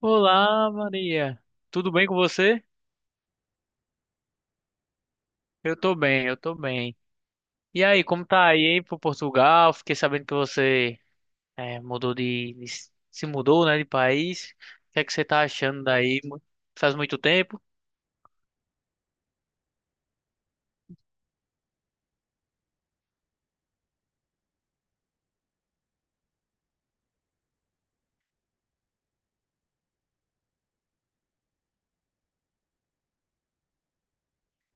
Olá, Maria. Tudo bem com você? Eu tô bem. E aí, como tá aí, hein, pro Portugal? Fiquei sabendo que você eh, mudou de, de- se mudou, né, de país. O que é que você tá achando daí? Faz muito tempo?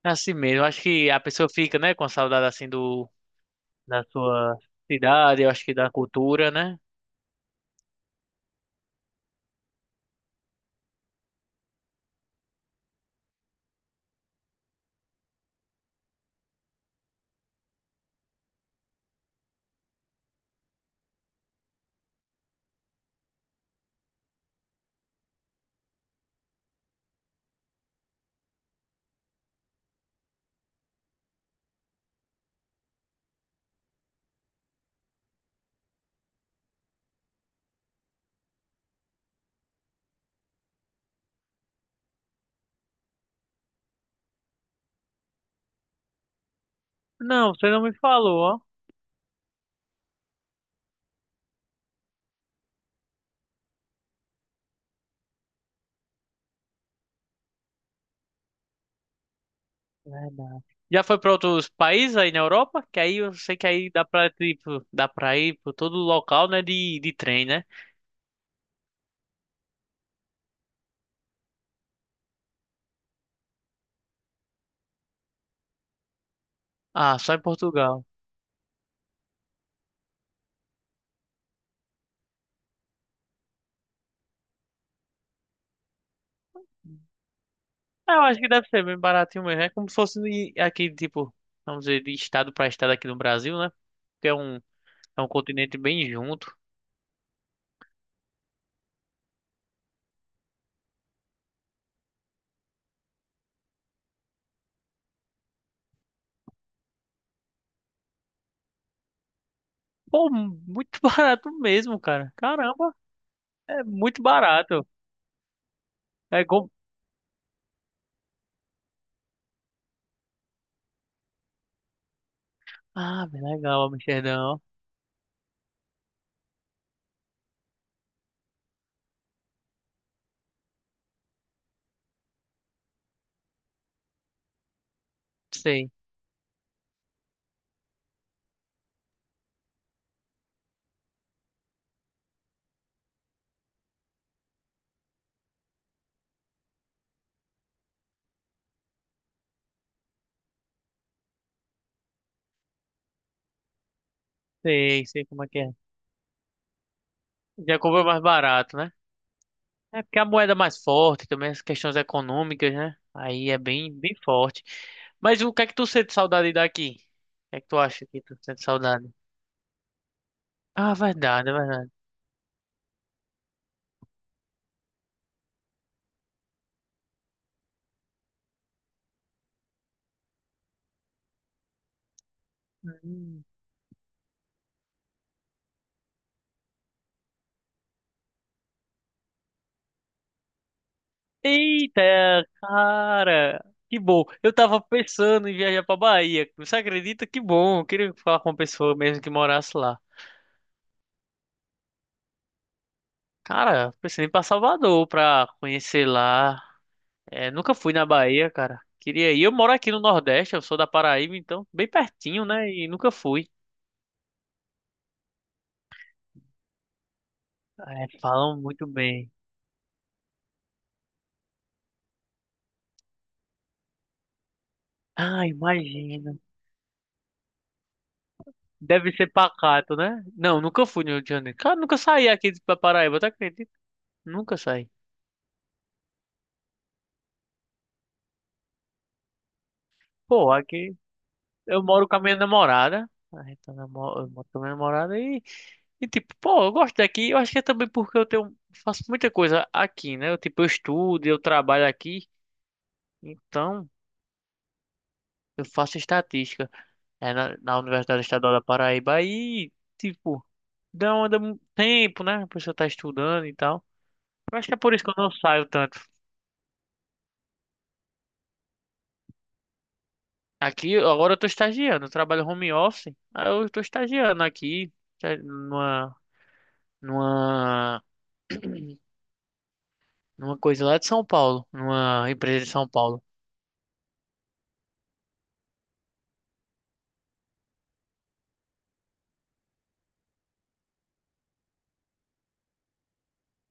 É assim mesmo. Acho que a pessoa fica, né, com saudade assim do da sua cidade, eu acho que da cultura, né? Não, você não me falou, ó. Verdade. Já foi para outros países aí na Europa? Que aí eu sei que aí dá pra, tipo, dá pra ir para todo local, né, de trem, né? Ah, só em Portugal. Ah, eu acho que deve ser bem baratinho mesmo. É como se fosse aqui, tipo, vamos dizer, de estado para estado aqui no Brasil, né? Que é um, é um continente bem junto. Pô, muito barato mesmo, cara. Caramba, é muito barato. É como... Ah, bem legal, Amsterdão. Sei, sei como é que é. Jacob é mais barato, né? É porque a moeda é mais forte também, as questões econômicas, né? Aí é bem forte. Mas o que é que tu sente saudade daqui? O que é que tu acha que tu sente saudade? Ah, verdade, é verdade. Hum. Eita, cara, que bom. Eu tava pensando em viajar pra Bahia. Você acredita? Que bom. Eu queria falar com uma pessoa mesmo que morasse lá. Cara, pensei em ir pra Salvador pra conhecer lá. É, nunca fui na Bahia, cara. Queria ir. Eu moro aqui no Nordeste, eu sou da Paraíba, então bem pertinho, né? E nunca fui. É, falam muito bem. Ah, imagino. Deve ser pacato, né? Não, nunca fui no Rio de Janeiro. Cara, nunca saí aqui da Paraíba, tá, acredita? Nunca saí. Pô, aqui eu moro com a minha namorada. A gente tá namo- Eu moro com a minha namorada e tipo, pô, eu gosto daqui. Eu acho que é também porque eu tenho, faço muita coisa aqui, né? Eu, tipo, eu estudo, eu trabalho aqui. Então, eu faço estatística é, na Universidade Estadual da Paraíba. E, tipo, dá um tempo, né? A pessoa tá estudando e tal. Eu acho que é por isso que eu não saio tanto. Aqui, agora eu tô estagiando. Eu trabalho home office. Aí eu tô estagiando aqui, tá, numa numa coisa lá de São Paulo, numa empresa de São Paulo.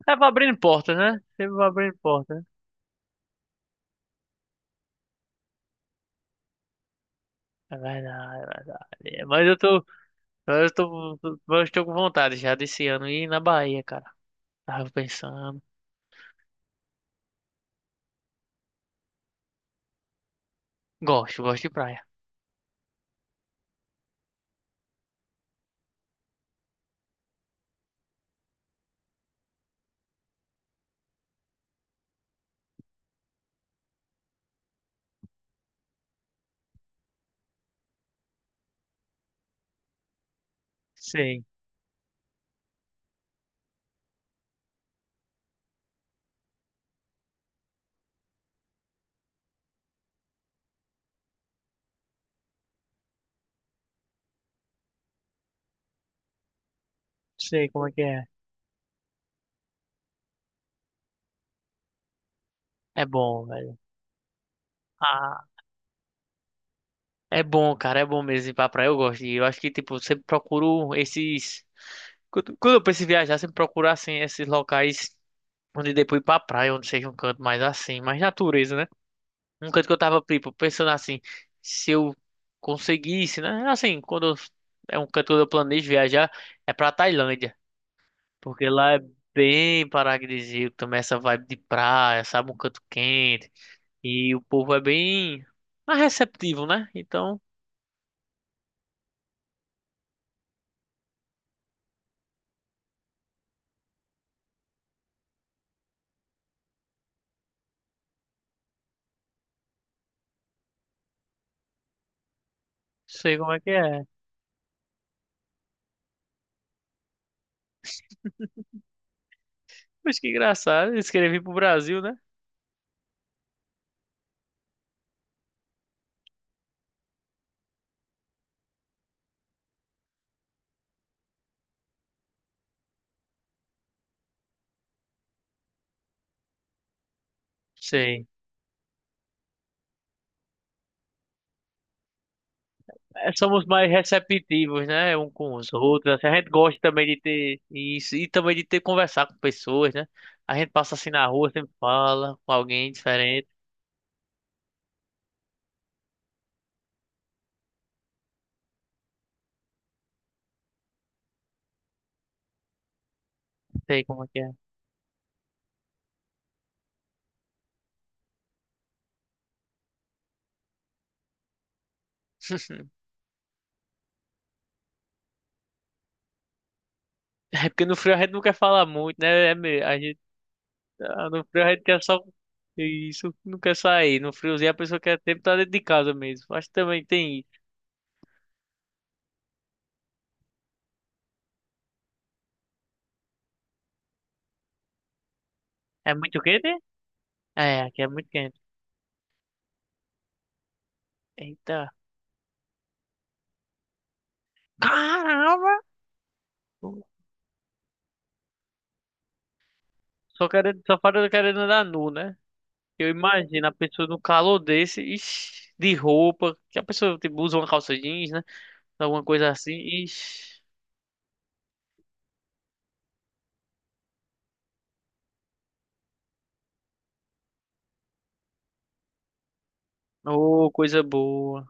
É, vai abrindo porta, né? Sempre vai abrindo porta, né? É verdade, é verdade. É, mas eu tô, eu estou com vontade já desse ano ir na Bahia, cara. Tava pensando. Gosto, gosto de praia. Sei, sei como é que é. É bom, velho. Ah, é bom, cara, é bom mesmo ir pra praia. Eu gosto de ir. Eu acho que, tipo, eu sempre procuro esses. Quando eu penso em viajar, sempre procuro, assim, esses locais onde depois ir pra praia, onde seja um canto mais assim, mais natureza, né? Um canto que eu tava, tipo, pensando assim, se eu conseguisse, né? Assim, quando eu- é um canto que eu planejo viajar, é pra Tailândia. Porque lá é bem paradisíaco, também essa vibe de praia, sabe? Um canto quente. E o povo é bem mais receptivo, né? Então, sei como é que é. Mas que engraçado, eles querem vir pro Brasil, né? Sei. É, somos mais receptivos, né? Um com os outros. Assim, a gente gosta também de ter isso e também de ter conversar com pessoas, né? A gente passa assim na rua, sempre fala com alguém diferente, não sei como é que é. É porque no frio a gente não quer falar muito, né? É meio, a gente, ah, no frio a gente quer só isso, não quer sair. No friozinho a pessoa quer tempo estar dentro de casa mesmo. Acho que também tem isso. É muito quente? É, aqui é muito quente. Eita. Caramba! Só querendo, só falta querendo andar nu, né? Eu imagino a pessoa no calor desse, ixi, de roupa, que a pessoa tipo, usa uma calça jeans, né? Alguma coisa assim, ixi, ô, coisa boa.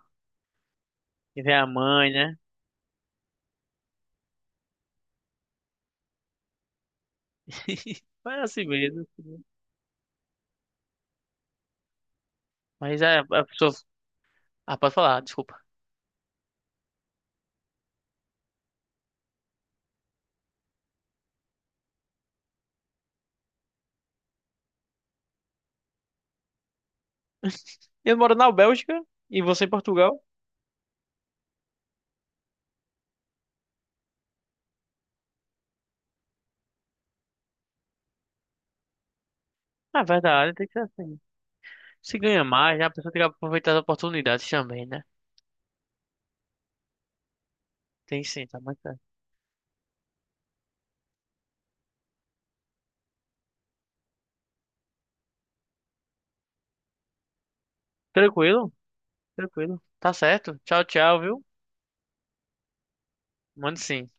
E vem a mãe, né? Mas é assim mesmo. Mas é, a pessoa. Ah, pode falar, desculpa. Eu moro na Bélgica e você em Portugal. Ah, verdade, tem que ser assim. Se ganha mais, né? A pessoa tem que aproveitar as oportunidades também, né? Tem sim, tá mais certo. Tranquilo? Tranquilo. Tá certo. Tchau, tchau, viu? Mande sim.